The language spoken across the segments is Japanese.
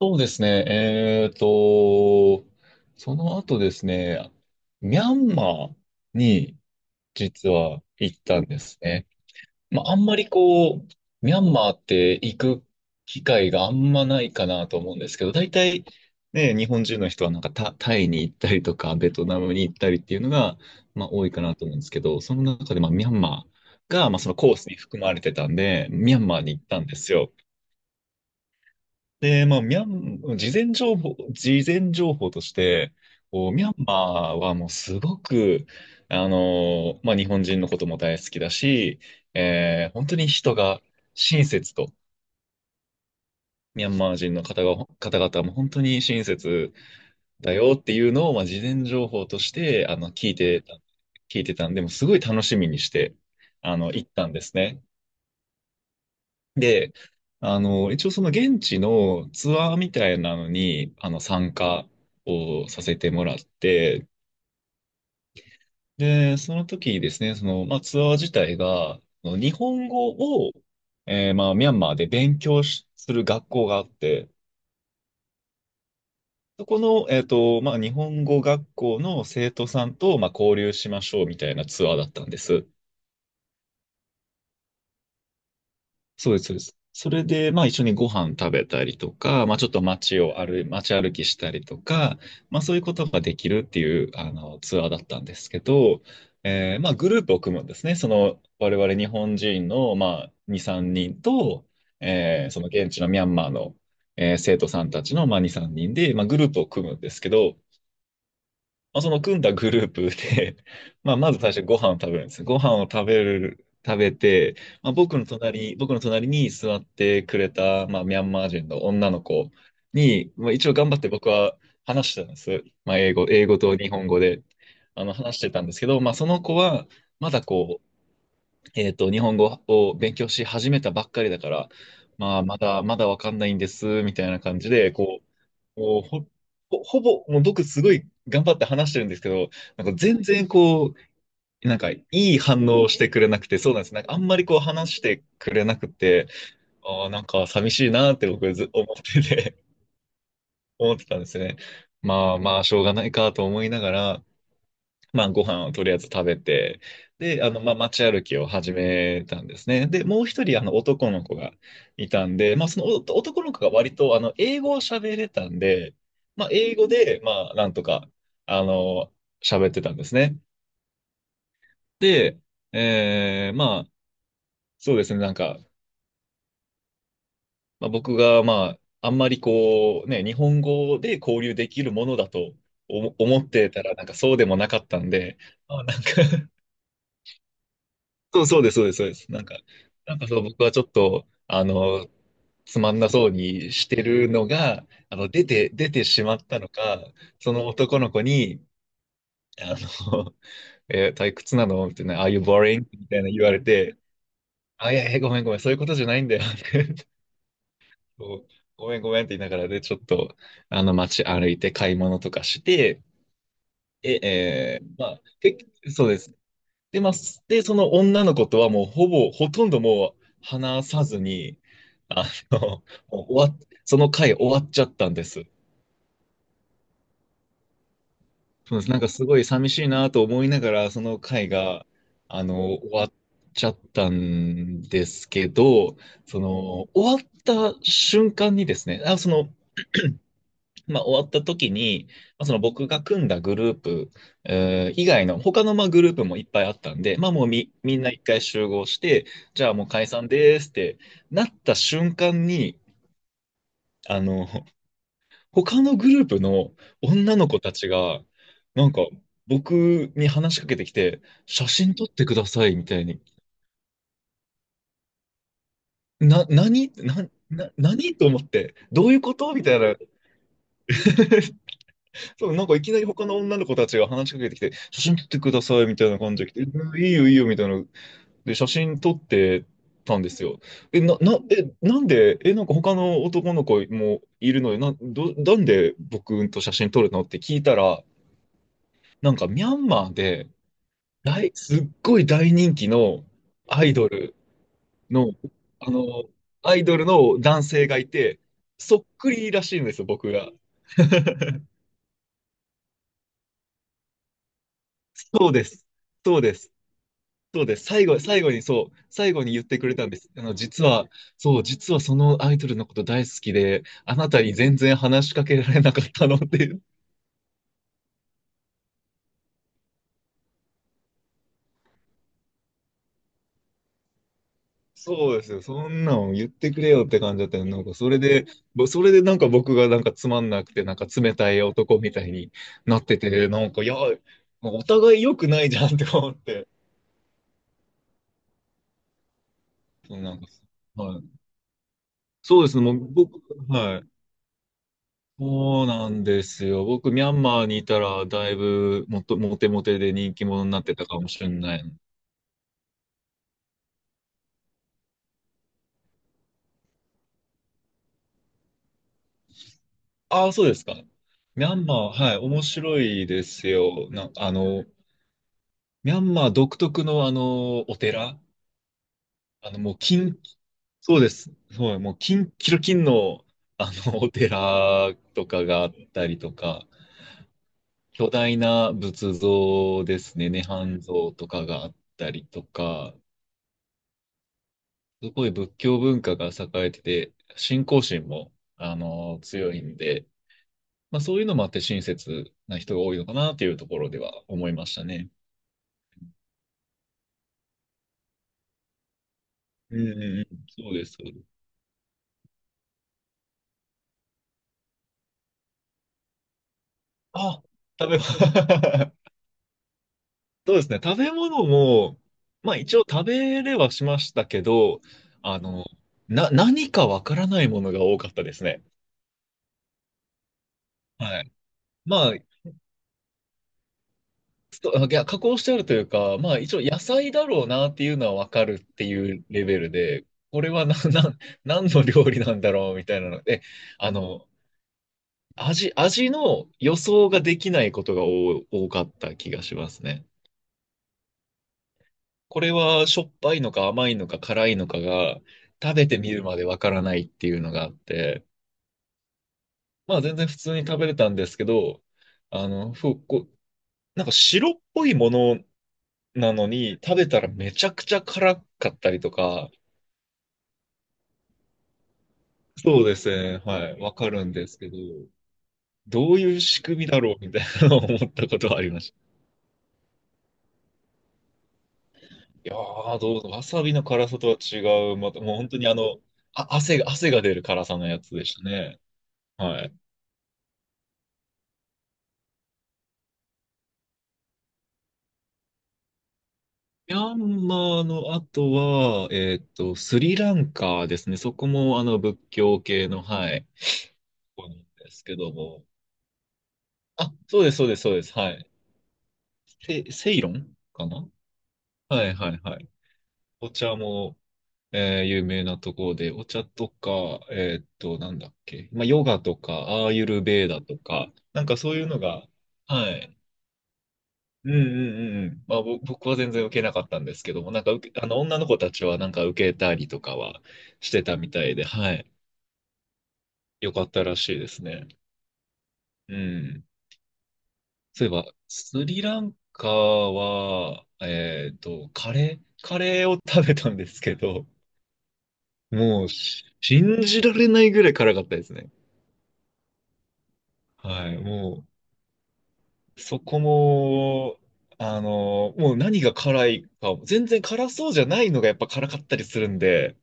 そうですね。その後ですね、ミャンマーに実は行ったんですね。まあ、あんまりこう、ミャンマーって行く機会があんまないかなと思うんですけど、大体ね、日本人の人はなんかタイに行ったりとか、ベトナムに行ったりっていうのが、まあ、多いかなと思うんですけど、その中でまあミャンマーが、まあ、そのコースに含まれてたんで、ミャンマーに行ったんですよ。で、まあ、ミャン、事前情報として、こう、ミャンマーはもうすごく、あの、まあ、日本人のことも大好きだし、本当に人が親切と、ミャンマー人の方が、方々も本当に親切だよっていうのを、まあ、事前情報として、あの、聞いてたんで、もうすごい楽しみにして、あの、行ったんですね。で、あの、一応その現地のツアーみたいなのに、あの、参加をさせてもらって、で、その時にですね、その、まあ、ツアー自体が、あの日本語を、まあ、ミャンマーで勉強する学校があって、そこの、えっと、まあ、日本語学校の生徒さんと、まあ、交流しましょうみたいなツアーだったんです。そうです、そうです。それで、まあ一緒にご飯食べたりとか、まあちょっと街歩きしたりとか、まあそういうことができるっていう、あの、ツアーだったんですけど、まあグループを組むんですね。その、我々日本人の、まあ2、3人と、その現地のミャンマーの、生徒さんたちの、まあ2、3人で、まあグループを組むんですけど、まあ、その組んだグループで、まあ、まず最初ご飯を食べるんです。ご飯を食べる、食べて、まあ、僕の隣に座ってくれた、まあ、ミャンマー人の女の子に、まあ、一応頑張って僕は話してたんです。まあ、英語と日本語で、あの、話してたんですけど、まあ、その子は、まだこう、えっと、日本語を勉強し始めたばっかりだから、まあ、まだわかんないんです、みたいな感じで、こう、もうほ、ほ、ほぼ、もう僕すごい頑張って話してるんですけど、なんか全然こう、なんかいい反応をしてくれなくて、そうなんです。なんかあんまりこう話してくれなくて、ああ、なんか寂しいなって僕ず思ってて、思ってたんですね。まあまあ、しょうがないかと思いながら、まあ、ご飯をとりあえず食べて、で、あの、まあ、街歩きを始めたんですね。で、もう一人、あの、男の子がいたんで、まあ、その男の子が割と、あの、英語を喋れたんで、まあ、英語で、まあ、なんとか、あの、喋ってたんですね。で、まあ、そうですね、なんか、まあ、僕が、まあ、あんまりこう、ね、日本語で交流できるものだと思ってたら、なんかそうでもなかったんで、まあ、なんかそう、そうです、そうです、そうです。なんか、なんかそう、僕はちょっと、あの、つまんなそうにしてるのが、あの、出てしまったのか、その男の子に、あの、え退屈なのみたいな、Are you boring? みたいな言われて、あ、いやいや、ごめんごめん、そういうことじゃないんだよ。そうごめんごめんって言いながらで、ちょっと、あの、街歩いて買い物とかして、え、えーまあ、そうです。で、まあ、その女の子とはもうほぼ、ほとんどもう話さずに、あの、もう終わっ、その回終わっちゃったんです。そうです。なんかすごい寂しいなと思いながら、その回が、あの、終わっちゃったんですけど、その、終わった瞬間にですね、あ、その、まあ、終わった時に、まあ、その僕が組んだグループ、以外の他のまあグループもいっぱいあったんで、まあもうみ、みんな一回集合して、じゃあもう解散ですってなった瞬間に、あの、他のグループの女の子たちが、なんか僕に話しかけてきて、写真撮ってくださいみたいに、な、何、な、な、何と思って、どういうことみたいなそう、なんかいきなり他の女の子たちが話しかけてきて、写真撮ってくださいみたいな感じで来て、うんいいよいいよみたいな。で、写真撮ってたんですよ。え、な、な、え、なんで、え、なんか他の男の子もいるのに、なんで僕と写真撮るのって聞いたら、なんかミャンマーで、すっごい大人気のアイドルの、あの、アイドルの男性がいて、そっくりらしいんですよ、僕が。そうです。そうです。そうです。最後にそう、最後に言ってくれたんです。あの、実は、そう、実はそのアイドルのこと大好きで、あなたに全然話しかけられなかったのっていう。そうですよ。そんなの言ってくれよって感じだったの。なんか、それで、それでなんか僕がなんかつまんなくて、なんか冷たい男みたいになってて、なんか、いや、お互い良くないじゃんって思って。そうなんか、はい。そうですね。もう僕、はい。そうなんですよ。僕、ミャンマーにいたら、だいぶもっと、モテモテで人気者になってたかもしれない。ああ、そうですか。ミャンマー、はい、面白いですよ。あの、ミャンマー独特の、あの、お寺、あの、もう、そうです。そう、もう、金、キロ金の、あの、お寺とかがあったりとか、巨大な仏像ですね、涅槃像とかがあったりとか、すごい仏教文化が栄えてて、信仰心も、あの、強いんで、まあそういうのもあって親切な人が多いのかなっていうところでは思いましたね。うんうんうん。そうです、そうです。あ、食べ物 そうですね。食べ物も、まあ一応食べれはしましたけど、あの、何かわからないものが多かったですね。はい。まあいや加工してあるというか、まあ一応野菜だろうなっていうのはわかるっていうレベルで、これは何の料理なんだろうみたいなので、あの、味の予想ができないことが多かった気がしますね。これはしょっぱいのか甘いのか辛いのかが食べてみるまでわからないっていうのがあって、まあ全然普通に食べれたんですけど、あの、こう、なんか白っぽいものなのに食べたらめちゃくちゃ辛かったりとか、そうですね。はい。わかるんですけど、どういう仕組みだろうみたいなのを思ったことはありました。いやー、どう、わさびの辛さとは違う。また、もう本当にあの、あ、汗が出る辛さのやつでしたね。はい。ミャンマーの後は、えーっと、スリランカですね。そこもあの仏教系の、はい、とこなんですけども。あ、そうです、そうです、そうです。はい。セイロンかな。はい、はい、はい。お茶も、有名なところで、お茶とか、えーっと、なんだっけ、まあ、ヨガとか、アーユルベーダとか、なんかそういうのが、はい。うんうんうんうん。まあ、僕は全然受けなかったんですけども、なんか受け、あの、女の子たちはなんか受けたりとかはしてたみたいで、はい。よかったらしいですね。うん。そういえば、スリランカは、えっと、カレーを食べたんですけど、もう、信じられないぐらい辛かったですね。はい、もう、そこも、あの、もう何が辛いか、全然辛そうじゃないのがやっぱ辛かったりするんで、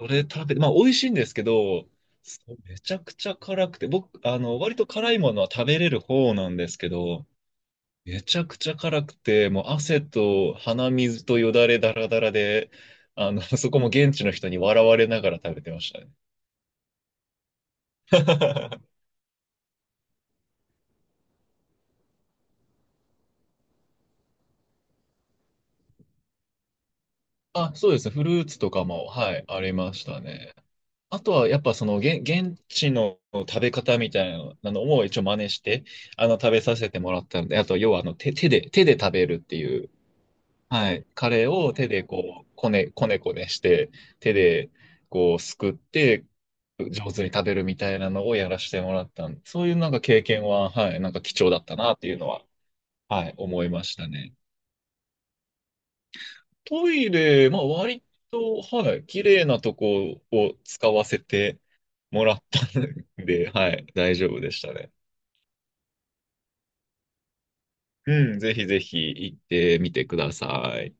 それ食べ、まあ美味しいんですけど、そうめちゃくちゃ辛くて、僕、あの、割と辛いものは食べれる方なんですけど、めちゃくちゃ辛くて、もう汗と鼻水とよだれだらだらで、あの、そこも現地の人に笑われながら食べてましたね。あ、そうです。ねフルーツとかも、はい、ありましたね。あとはやっぱその現地の食べ方みたいなのを一応真似して、あの食べさせてもらったので、あと要はあの手で食べるっていう、はい、カレーを手でこう、こねこねして、手でこうすくって、上手に食べるみたいなのをやらせてもらったんで、そういうなんか経験は、はい、なんか貴重だったなっていうのは、はい、思いましたね。トイレ、まあ割と、はい、綺麗なとこを使わせてもらったんで、はい、大丈夫でしたね。うん、ぜひぜひ行ってみてください。